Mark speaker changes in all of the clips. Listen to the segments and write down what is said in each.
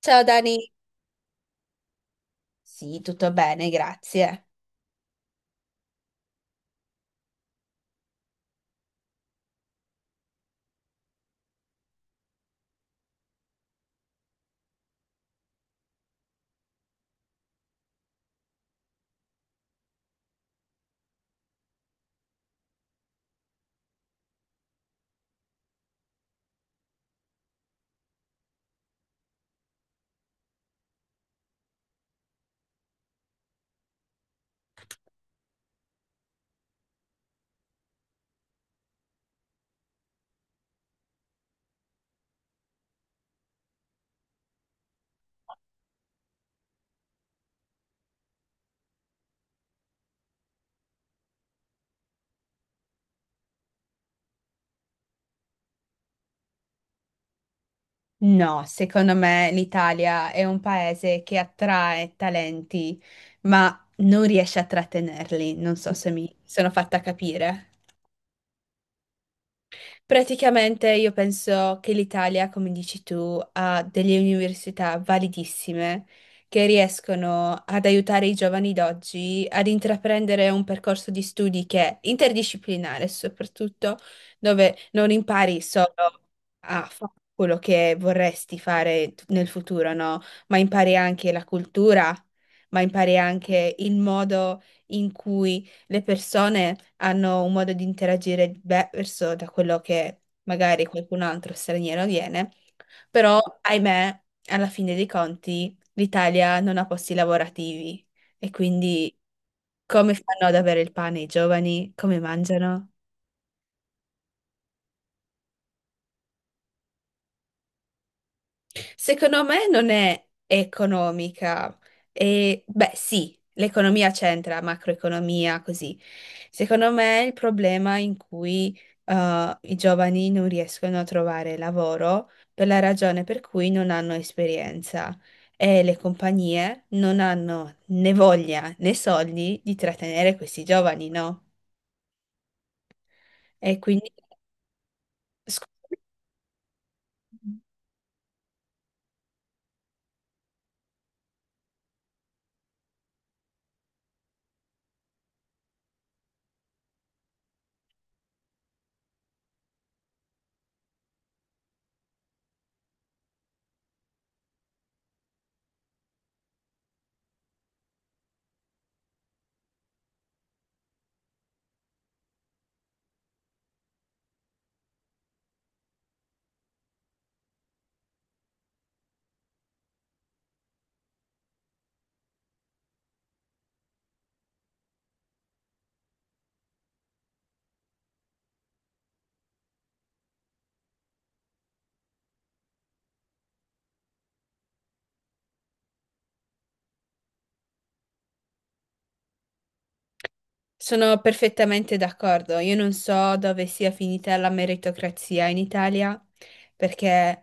Speaker 1: Ciao Dani. Sì, tutto bene, grazie. No, secondo me l'Italia è un paese che attrae talenti, ma non riesce a trattenerli. Non so se mi sono fatta capire. Praticamente io penso che l'Italia, come dici tu, ha delle università validissime che riescono ad aiutare i giovani d'oggi ad intraprendere un percorso di studi che è interdisciplinare, soprattutto dove non impari solo a fare quello che vorresti fare nel futuro, no? Ma impari anche la cultura, ma impari anche il modo in cui le persone hanno un modo di interagire diverso da quello che magari qualcun altro straniero viene, però ahimè, alla fine dei conti, l'Italia non ha posti lavorativi e quindi come fanno ad avere il pane i giovani? Come mangiano? Secondo me non è economica. E beh, sì, l'economia c'entra, macroeconomia, così. Secondo me il problema in cui eh, i giovani non riescono a trovare lavoro per la ragione per cui non hanno esperienza e le compagnie non hanno né voglia né soldi di trattenere questi giovani, no? E quindi... Scusa. Sono perfettamente d'accordo. Io non so dove sia finita la meritocrazia in Italia, perché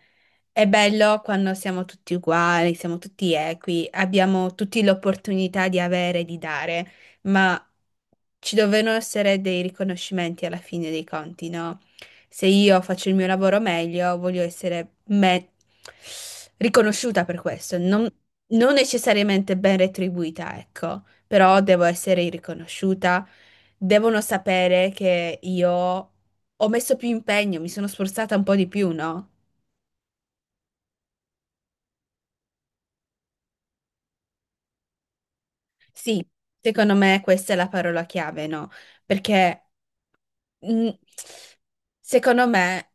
Speaker 1: è bello quando siamo tutti uguali, siamo tutti equi, abbiamo tutti l'opportunità di avere e di dare, ma ci devono essere dei riconoscimenti alla fine dei conti, no? Se io faccio il mio lavoro meglio, voglio essere riconosciuta per questo, non, non necessariamente ben retribuita, ecco, però devo essere riconosciuta, devono sapere che io ho messo più impegno, mi sono sforzata un po' di più, no? Sì, secondo me questa è la parola chiave, no? Perché mh, secondo me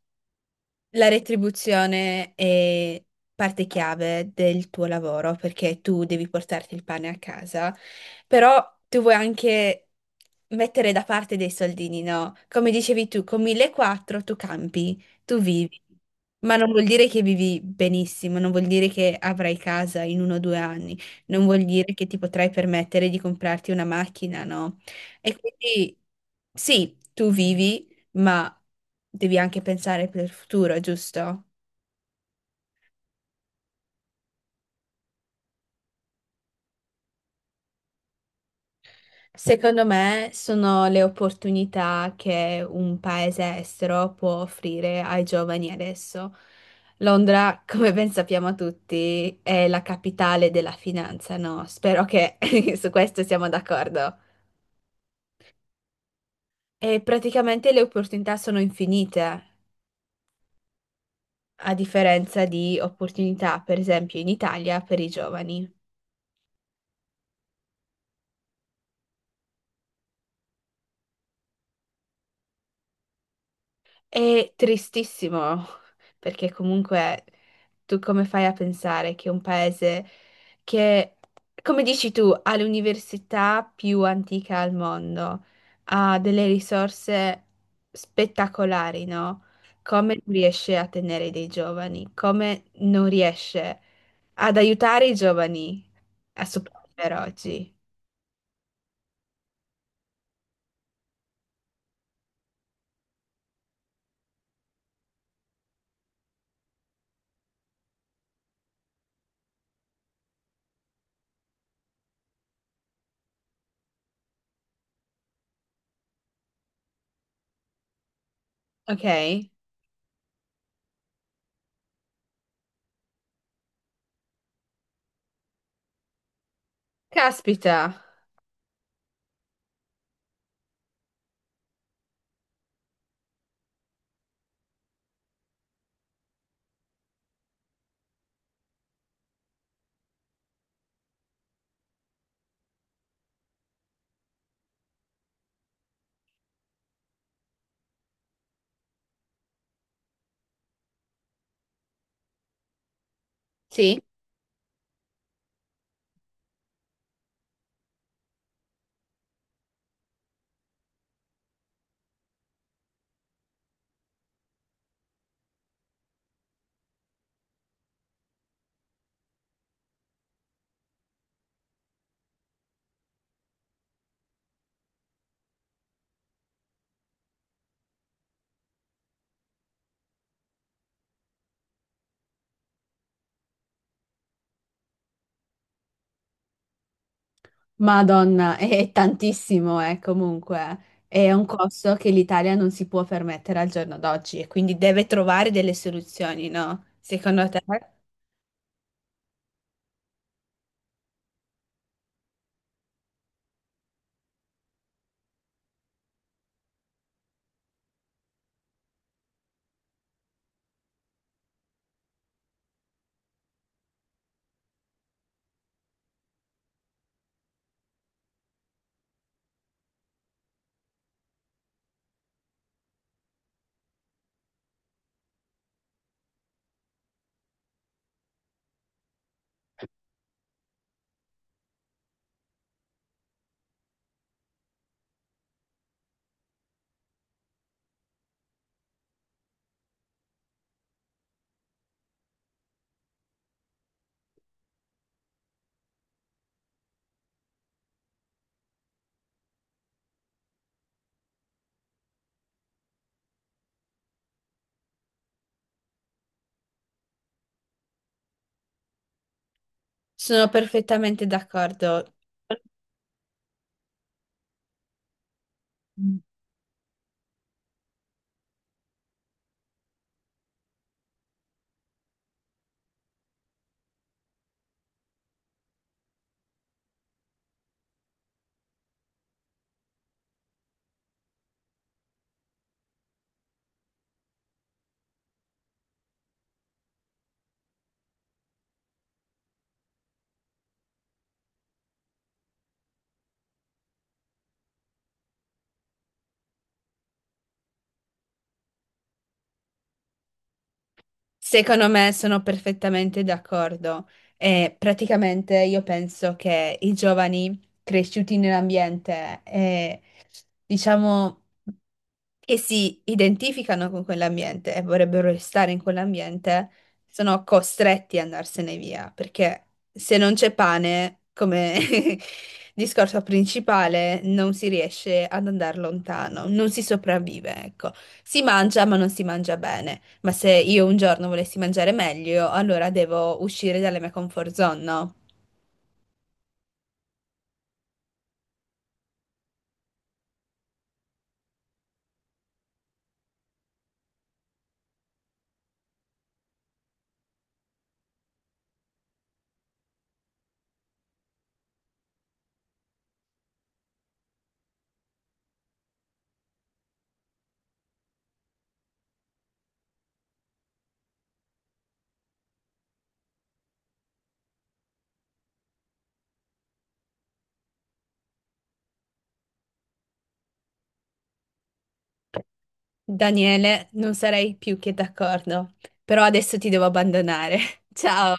Speaker 1: la retribuzione è parte chiave del tuo lavoro perché tu devi portarti il pane a casa, però tu vuoi anche mettere da parte dei soldini, no? Come dicevi tu, con 1400 tu campi, tu vivi, ma non vuol dire che vivi benissimo, non vuol dire che avrai casa in 1 o 2 anni, non vuol dire che ti potrai permettere di comprarti una macchina, no? E quindi sì, tu vivi ma devi anche pensare per il futuro, giusto? Secondo me sono le opportunità che un paese estero può offrire ai giovani adesso. Londra, come ben sappiamo tutti, è la capitale della finanza, no? Spero che su questo siamo d'accordo. E praticamente le opportunità sono infinite, a differenza di opportunità, per esempio, in Italia per i giovani. È tristissimo, perché comunque tu come fai a pensare che un paese che, come dici tu, ha l'università più antica al mondo, ha delle risorse spettacolari, no? Come non riesce a tenere dei giovani? Come non riesce ad aiutare i giovani a sopravvivere oggi? Ok? Caspita! Sì. Madonna, è tantissimo, comunque. È un costo che l'Italia non si può permettere al giorno d'oggi e quindi deve trovare delle soluzioni, no? Secondo te? Sono perfettamente d'accordo. Secondo me sono perfettamente d'accordo. E praticamente io penso che i giovani cresciuti nell'ambiente, diciamo. Che si identificano con quell'ambiente e vorrebbero restare in quell'ambiente, sono costretti ad andarsene via, perché se non c'è pane, come discorso principale, non si riesce ad andare lontano, non si sopravvive, ecco. Si mangia, ma non si mangia bene. Ma se io un giorno volessi mangiare meglio, allora devo uscire dalla mia comfort zone, no? Daniele, non sarei più che d'accordo, però adesso ti devo abbandonare. Ciao!